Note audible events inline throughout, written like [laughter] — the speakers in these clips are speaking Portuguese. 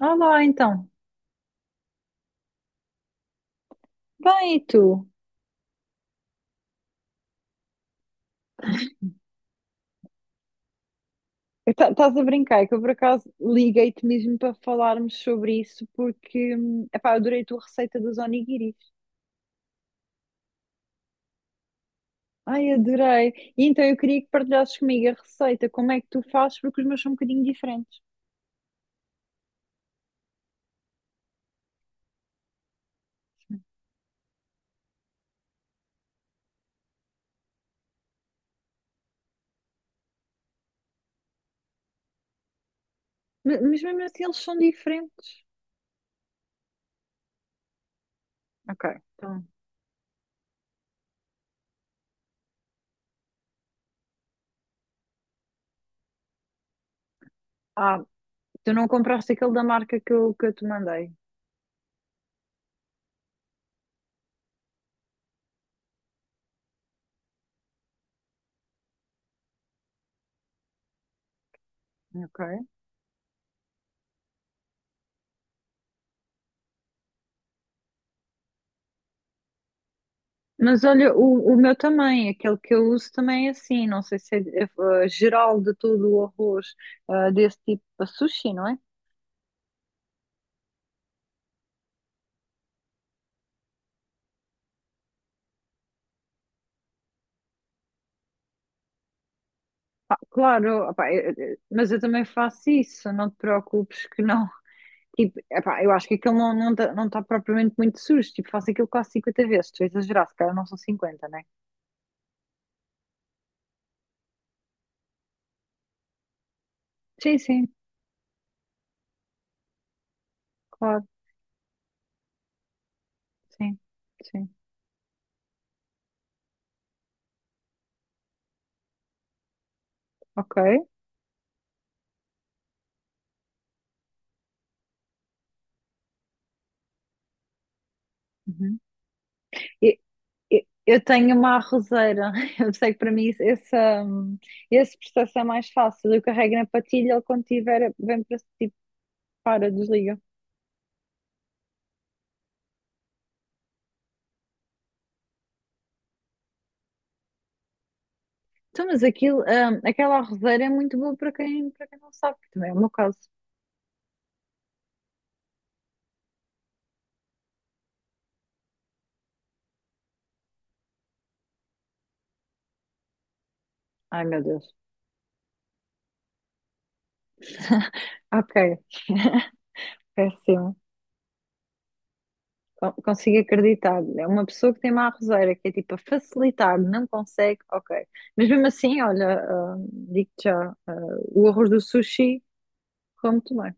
Olá, então. Bem, e tu? Estás a brincar que eu, por acaso, liguei-te mesmo para falarmos sobre isso porque, epá, eu adorei a tua receita dos onigiris. Ai, adorei. E então eu queria que partilhasses comigo a receita, como é que tu fazes, porque os meus são um bocadinho diferentes. Mas mesmo assim eles são diferentes. Ok, então. Ah, tu não compraste aquele da marca que eu te mandei. Ok. Mas olha, o meu também, aquele que eu uso também é assim, não sei se é, é, geral de todo o arroz desse tipo para sushi, não é? Claro, opá, mas eu também faço isso, não te preocupes que não. [laughs] Tipo, epá, eu acho que aquilo não está não tá propriamente muito sujo, tipo, faço aquilo quase 50 vezes, estou a exagerar, se calhar não são 50, né? Sim, sim, claro, sim, sim, ok. Uhum. Eu tenho uma arrozeira, [laughs] eu sei que para mim esse processo é mais fácil. Eu carrego na patilha, ele quando tiver, vem para tipo, para, desliga. Então, mas aquilo, aquela arrozeira é muito boa para quem não sabe, que também é o meu caso. Ai meu Deus. [laughs] Ok, péssimo. Consigo acreditar. É uma pessoa que tem uma arrozeira, que é tipo a facilitar, não consegue, ok. Mas mesmo assim, olha, digo-te já, o arroz do sushi, como também.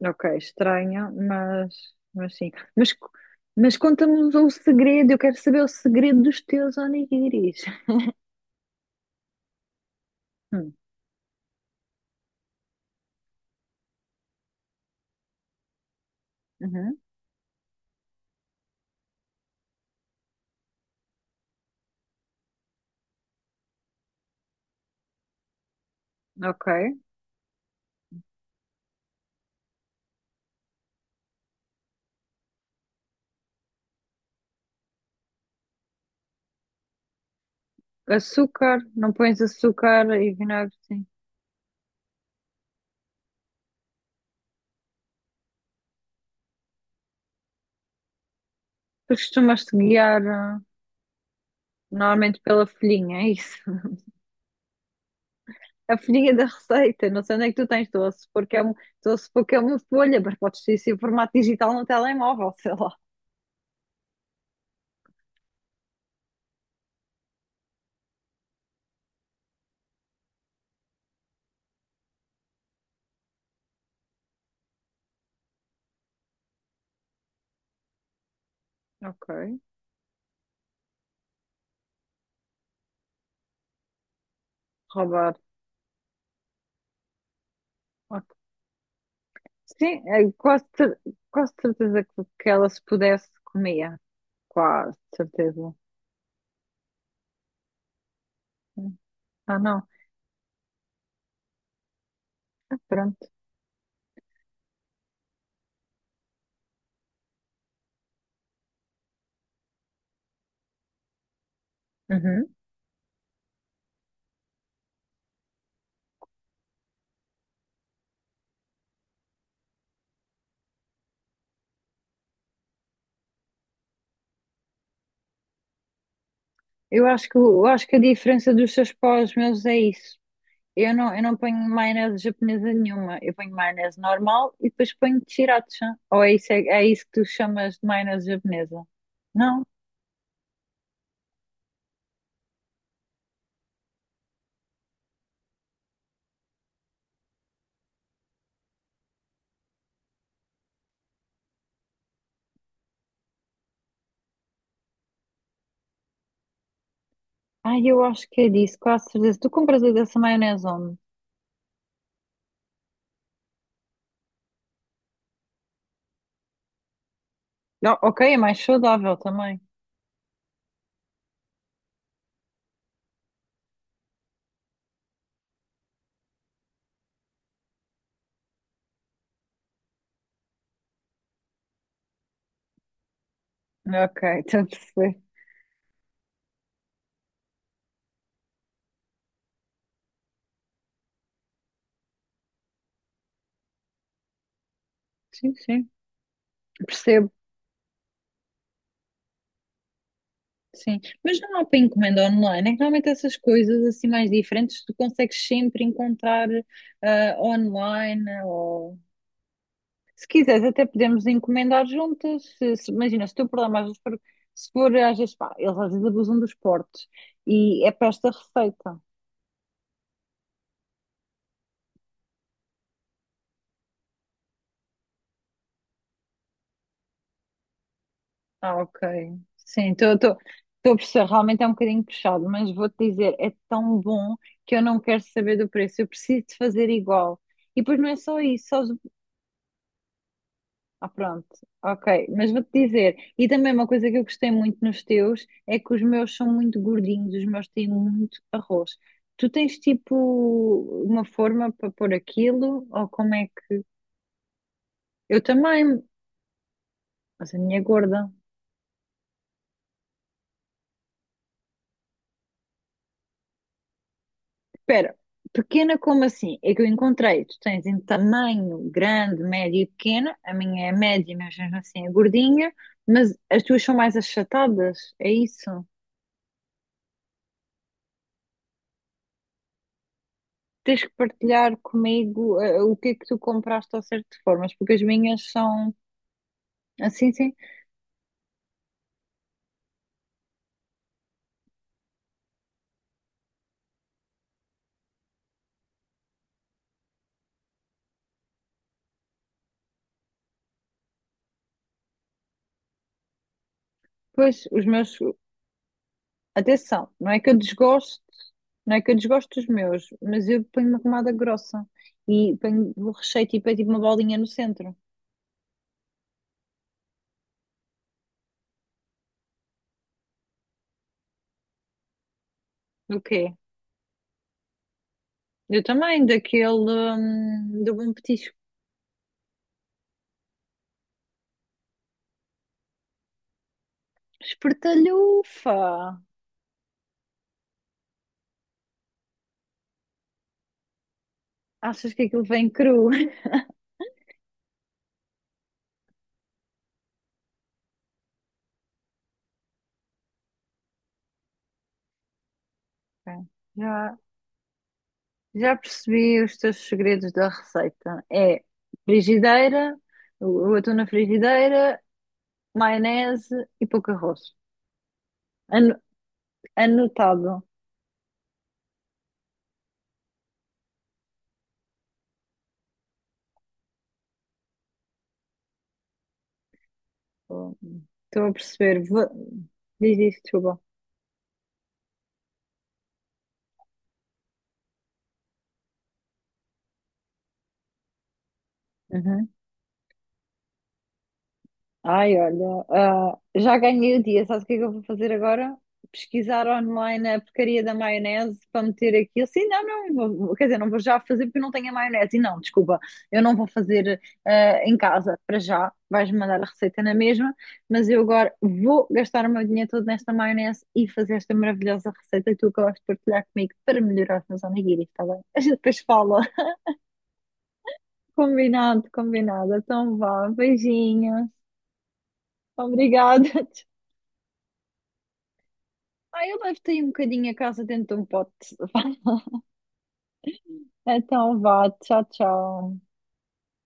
Ok, estranho, mas sim. Mas, mas conta-nos o segredo, eu quero saber o segredo dos teus onigiris. Hum, uhum, ok. Açúcar, não pões açúcar e vinagre, sim. Tu costumas-te guiar ah, normalmente pela folhinha, é isso? [laughs] A folhinha da receita, não sei onde é que tu tens, estou a supor que é, estou a supor que é uma folha, mas podes ter isso em formato digital no telemóvel, [laughs] sei lá. Ok, roubar. Ok. Sim, é, quase certeza que ela se pudesse comia. Quase certeza. Ah, não. Pronto. Uhum. Eu acho que a diferença dos seus pós meus é isso. Eu não ponho maionese japonesa nenhuma. Eu ponho maionese normal e depois ponho sriracha. Ou é isso, é isso que tu chamas de maionese japonesa? Não. Ai, eu acho que é disso, quase certeza. Tu compras a dessa maionese onde? Não, ok, é mais saudável também. Ok, [laughs] estou a perceber. Sim, sim. Percebo. Sim, mas não há para encomenda online. É que normalmente essas coisas assim mais diferentes tu consegues sempre encontrar ah, online ou se quiseres até podemos encomendar juntas. Imagina, se o teu problema às vezes for, se for às vezes pá, eles às vezes abusam dos portes e é para esta receita. Ah, ok. Sim, estou a perceber, realmente é um bocadinho puxado, mas vou-te dizer, é tão bom que eu não quero saber do preço, eu preciso de fazer igual. E depois não é só isso, só Ah, pronto, ok. Mas vou-te dizer, e também uma coisa que eu gostei muito nos teus é que os meus são muito gordinhos, os meus têm muito arroz. Tu tens tipo uma forma para pôr aquilo? Ou como é que. Eu também, mas a minha é gorda. Espera, pequena como assim? É que eu encontrei, tu tens em tamanho grande, médio e pequena, a minha é média, mas mesmo assim é gordinha, mas as tuas são mais achatadas, é isso? Tens que partilhar comigo o que é que tu compraste ao certo de formas, porque as minhas são assim, sim. Pois, os meus, atenção, não é que eu desgosto, não é que eu desgosto dos meus, mas eu ponho uma camada grossa e ponho o recheio tipo, é tipo uma bolinha no centro. Do quê? Eu também, daquele, do bom petisco. Espertalhufa! Achas que aquilo vem cru? [laughs] Ok. Já, Já percebi os teus segredos da receita. É frigideira, o atum na frigideira, maionese e pouco arroz. Ano- Anotado. Estou a perceber. Diz isso, desculpa. Uhum. Ai, olha, ah, já ganhei o dia. Sabe o que é que eu vou fazer agora? Pesquisar online a porcaria da maionese para meter aquilo. Sim, não, quer dizer, não vou já fazer porque eu não tenho a maionese. E não, desculpa, eu não vou fazer ah, em casa para já. Vais-me mandar a receita na mesma, mas eu agora vou gastar o meu dinheiro todo nesta maionese e fazer esta maravilhosa receita que tu acabaste de partilhar comigo para melhorar os meus onigiris, está bem? [laughs] A gente depois fala. Combinado, combinado. Então vá, beijinhos. Obrigada. [laughs] Ah, eu levo-te aí um bocadinho a casa dentro de um pote. [laughs] Então vá, tchau, tchau.